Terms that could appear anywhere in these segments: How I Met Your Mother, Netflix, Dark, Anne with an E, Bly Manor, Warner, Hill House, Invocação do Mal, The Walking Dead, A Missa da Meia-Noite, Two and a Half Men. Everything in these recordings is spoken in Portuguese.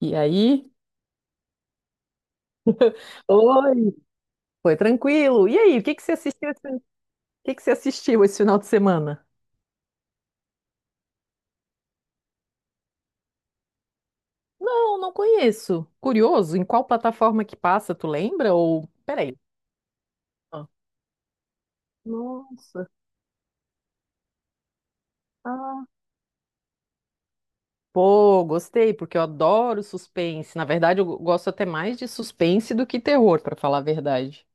E aí? Oi, foi tranquilo. E aí, o que que você assistiu esse, o que que você assistiu esse final de semana? Não, não conheço. Curioso, em qual plataforma que passa, tu lembra? Ou, peraí. Ah. Nossa, ah, pô, gostei, porque eu adoro suspense. Na verdade, eu gosto até mais de suspense do que terror, pra falar a verdade.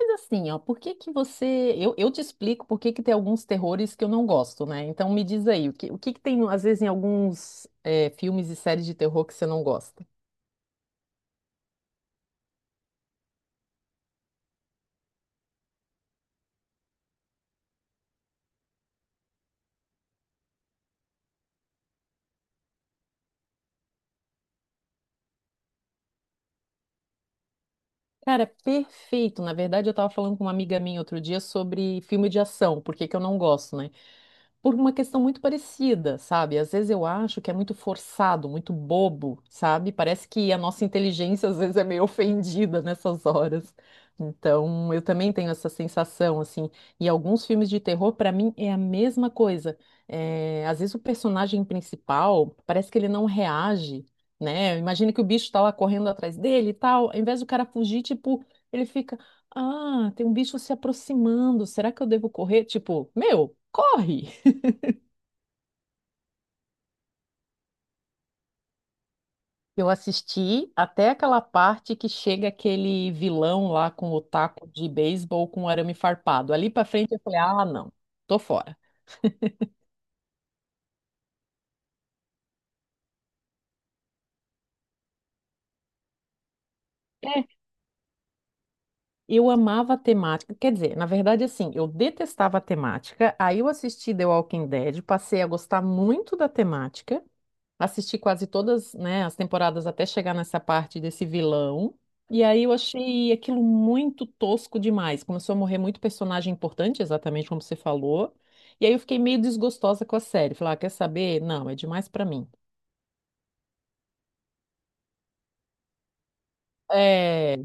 Mas assim, ó, por que que você... Eu te explico por que que tem alguns terrores que eu não gosto, né? Então me diz aí, o que que tem, às vezes, em alguns filmes e séries de terror que você não gosta? Cara, perfeito. Na verdade, eu tava falando com uma amiga minha outro dia sobre filme de ação, porque que eu não gosto, né? Por uma questão muito parecida, sabe? Às vezes eu acho que é muito forçado, muito bobo, sabe? Parece que a nossa inteligência às vezes é meio ofendida nessas horas. Então, eu também tenho essa sensação, assim. E alguns filmes de terror, pra mim, é a mesma coisa. É, às vezes o personagem principal parece que ele não reage, né? Imagina que o bicho tá lá correndo atrás dele e tal. Ao invés do cara fugir, tipo, ele fica. Ah, tem um bicho se aproximando. Será que eu devo correr? Tipo, meu, corre! Eu assisti até aquela parte que chega aquele vilão lá com o taco de beisebol com o arame farpado. Ali pra frente eu falei, ah, não, tô fora. É, eu amava a temática, quer dizer, na verdade, assim, eu detestava a temática, aí eu assisti The Walking Dead, passei a gostar muito da temática. Assisti quase todas, né, as temporadas até chegar nessa parte desse vilão. E aí eu achei aquilo muito tosco demais. Começou a morrer muito personagem importante, exatamente como você falou. E aí eu fiquei meio desgostosa com a série. Falei, ah, quer saber? Não, é demais pra mim. É,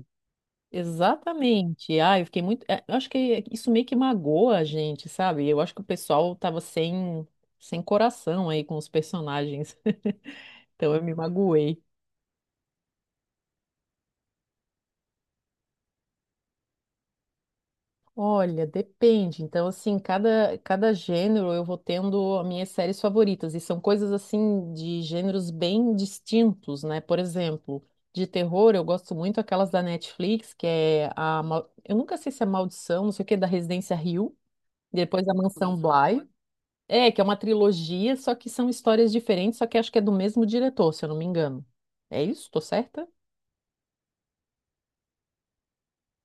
exatamente. Ah, eu fiquei muito. É, eu acho que isso meio que magoa a gente, sabe? Eu acho que o pessoal tava sem coração aí com os personagens. Então eu me magoei. Olha, depende. Então, assim, cada gênero eu vou tendo as minhas séries favoritas. E são coisas, assim, de gêneros bem distintos, né? Por exemplo, de terror, eu gosto muito aquelas da Netflix, que é a. Mal- eu nunca sei se é Maldição, não sei o que, da Residência Hill. Depois a Mansão Bly. É, que é uma trilogia, só que são histórias diferentes, só que acho que é do mesmo diretor, se eu não me engano. É isso? Tô certa?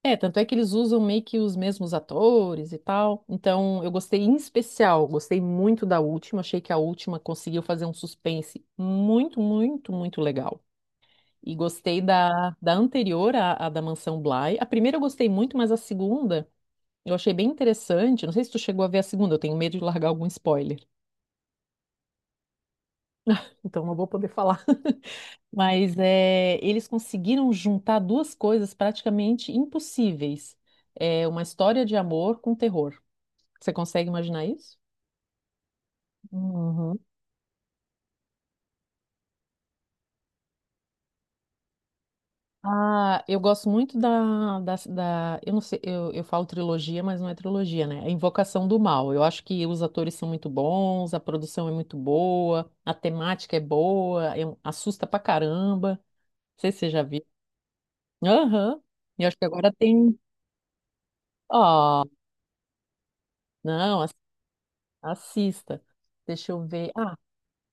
É, tanto é que eles usam meio que os mesmos atores e tal. Então, eu gostei em especial, gostei muito da última. Achei que a última conseguiu fazer um suspense muito, muito, muito legal. E gostei da anterior, à da Mansão Bly. A primeira eu gostei muito, mas a segunda eu achei bem interessante. Não sei se tu chegou a ver a segunda, eu tenho medo de largar algum spoiler. Então, não vou poder falar. Mas é, eles conseguiram juntar duas coisas praticamente impossíveis. É, uma história de amor com terror. Você consegue imaginar isso? Uhum. Ah, eu gosto muito eu não sei, eu falo trilogia, mas não é trilogia, né? É Invocação do Mal. Eu acho que os atores são muito bons, a produção é muito boa, a temática é boa, é um- assusta pra caramba. Não sei se você já viu. Aham. E eu acho que agora tem. Ó, não, assista. Deixa eu ver. Ah,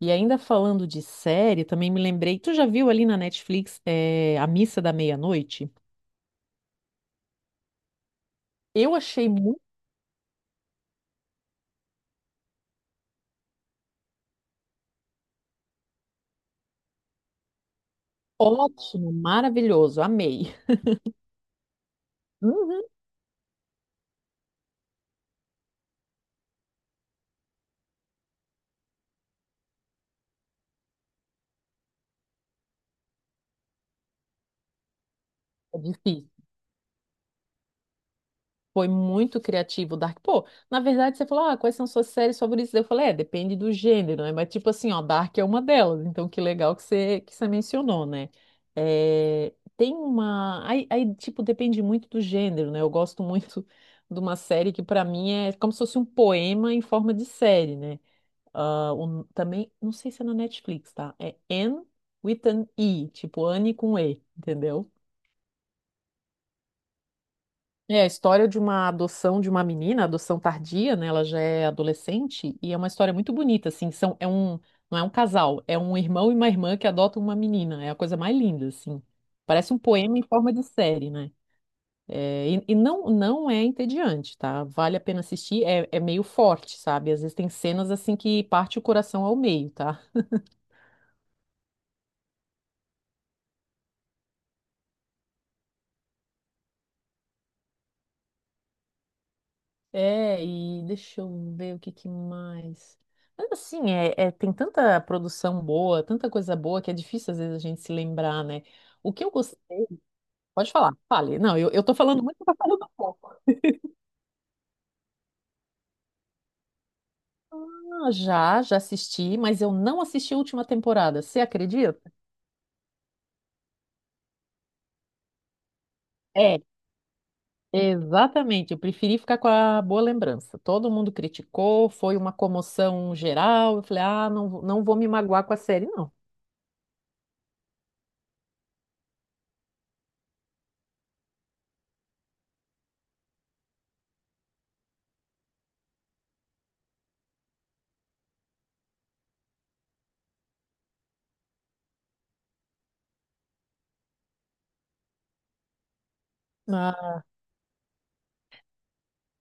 e ainda falando de série, também me lembrei. Tu já viu ali na Netflix, A Missa da Meia-Noite? Eu achei muito ótimo, maravilhoso, amei. Uhum, é difícil. Foi muito criativo o Dark. Pô, na verdade você falou, ah, quais são suas séries favoritas? Eu falei, é, depende do gênero, né? Mas tipo assim, ó, Dark é uma delas. Então que legal que que você mencionou, né? É, tem uma... tipo, depende muito do gênero, né? Eu gosto muito de uma série que pra mim é como se fosse um poema em forma de série, né? Ah, também, não sei se é na Netflix, tá? É Anne with an E, tipo Anne com E, entendeu? É a história de uma adoção de uma menina, adoção tardia, né? Ela já é adolescente e é uma história muito bonita, assim. Não é um casal, é um irmão e uma irmã que adotam uma menina. É a coisa mais linda, assim. Parece um poema em forma de série, né? E não, não é entediante, tá? Vale a pena assistir. É, é meio forte, sabe? Às vezes tem cenas assim que parte o coração ao meio, tá? É, e deixa eu ver o que que mais. Mas assim, tem tanta produção boa, tanta coisa boa que é difícil às vezes a gente se lembrar, né? O que eu gostei. Pode falar, fale. Não, eu tô falando muito, tô falando pouco. Ah, já assisti, mas eu não assisti a última temporada, você acredita? É, exatamente. Eu preferi ficar com a boa lembrança. Todo mundo criticou, foi uma comoção geral. Eu falei, ah, não, não vou me magoar com a série, não.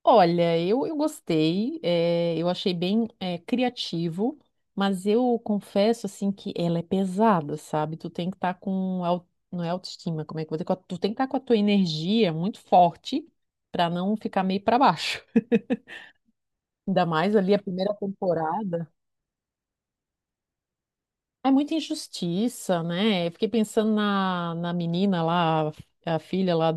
Olha, eu gostei, eu achei bem criativo, mas eu confesso assim que ela é pesada, sabe? Tu tem que estar com não é autoestima, como é que eu vou dizer? Com a- tu tem que estar com a tua energia muito forte para não ficar meio para baixo. Ainda mais ali a primeira temporada. É muita injustiça, né? Eu fiquei pensando na menina lá, a filha lá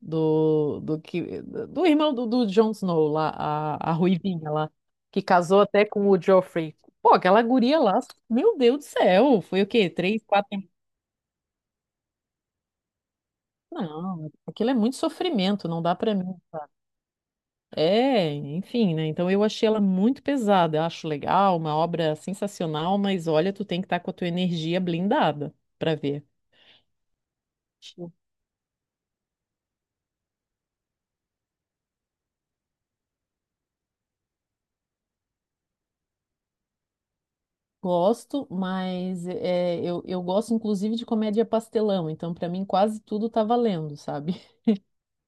do irmão do Jon Snow lá, a ruivinha lá, que casou até com o Joffrey. Pô, aquela guria lá, meu Deus do céu, foi o quê? Três, quatro temporadas? Não, aquilo é muito sofrimento, não dá pra mim. É, enfim, né? Então eu achei ela muito pesada, eu acho legal, uma obra sensacional, mas olha, tu tem que estar com a tua energia blindada pra ver. Eu gosto, mas é, eu gosto inclusive de comédia pastelão, então pra mim quase tudo tá valendo, sabe?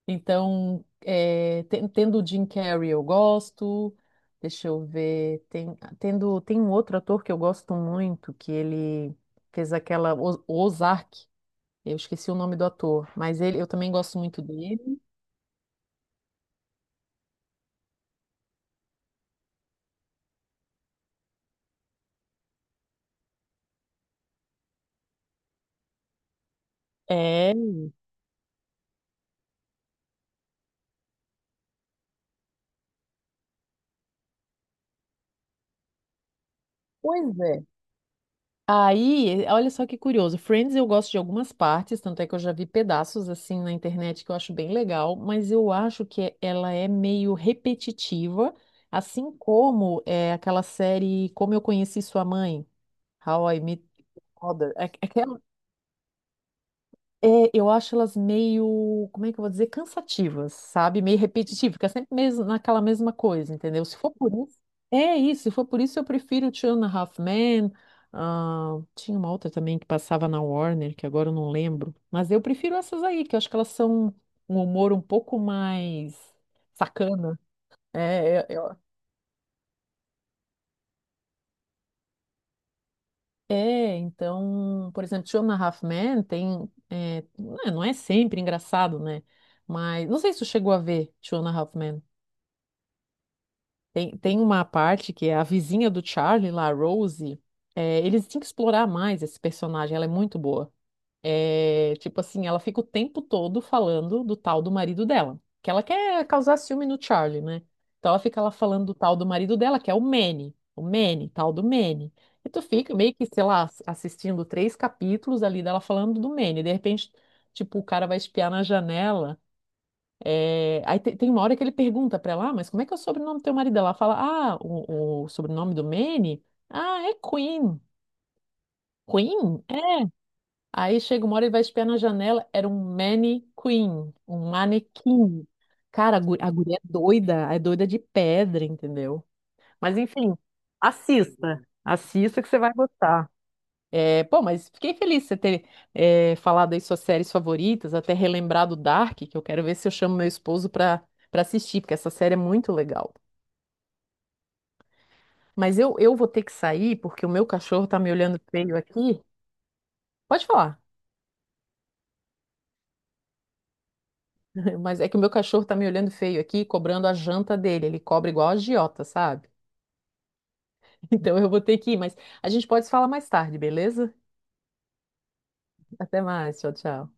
Então, é, tendo o Jim Carrey eu gosto. Deixa eu ver. Tem um outro ator que eu gosto muito, que ele fez aquela Ozark. Eu esqueci o nome do ator, mas ele, eu também gosto muito dele. É, pois é. Aí, olha só que curioso. Friends eu gosto de algumas partes, tanto é que eu já vi pedaços assim na internet que eu acho bem legal, mas eu acho que ela é meio repetitiva, assim como é aquela série Como Eu Conheci Sua Mãe, How I Met Mother. É, eu acho elas meio, como é que eu vou dizer, cansativas, sabe? Meio repetitivas, fica sempre mesmo naquela mesma coisa, entendeu? Se for por isso, é isso. Se for por isso, eu prefiro Two and a Half Men. Ah, tinha uma outra também que passava na Warner, que agora eu não lembro. Mas eu prefiro essas aí, que eu acho que elas são um humor um pouco mais sacana. É, é, é- é, então, por exemplo, Two and a Half Men tem, é, não é sempre engraçado, né? Mas não sei se tu chegou a ver Two and a Half Men. Tem uma parte que é a vizinha do Charlie, lá, a Rose. É, eles têm que explorar mais esse personagem, ela é muito boa. É, tipo assim, ela fica o tempo todo falando do tal do marido dela, que ela quer causar ciúme no Charlie, né? Então ela fica lá falando do tal do marido dela, que é o Manny, tal do Manny. E tu fica meio que, sei lá, assistindo três capítulos ali dela falando do Manny. De repente, tipo, o cara vai espiar na janela. É, aí tem uma hora que ele pergunta pra ela: "Ah, mas como é que é o sobrenome do teu marido?" Ela fala, ah, o sobrenome do Manny? Ah, é Queen. Queen? É. Aí chega uma hora, ele vai espiar na janela, era um Queen, um manequim. Cara, a a guria é doida de pedra, entendeu? Mas enfim, assista, assista que você vai gostar. É, pô, mas fiquei feliz de você ter falado aí suas séries favoritas, até relembrado Dark, que eu quero ver se eu chamo meu esposo pra assistir, porque essa série é muito legal. Mas eu vou ter que sair, porque o meu cachorro tá me olhando feio aqui. Pode falar, mas é que o meu cachorro tá me olhando feio aqui, cobrando a janta dele. Ele cobra igual a agiota, sabe? Então eu vou ter que ir, mas a gente pode se falar mais tarde, beleza? Até mais, tchau, tchau.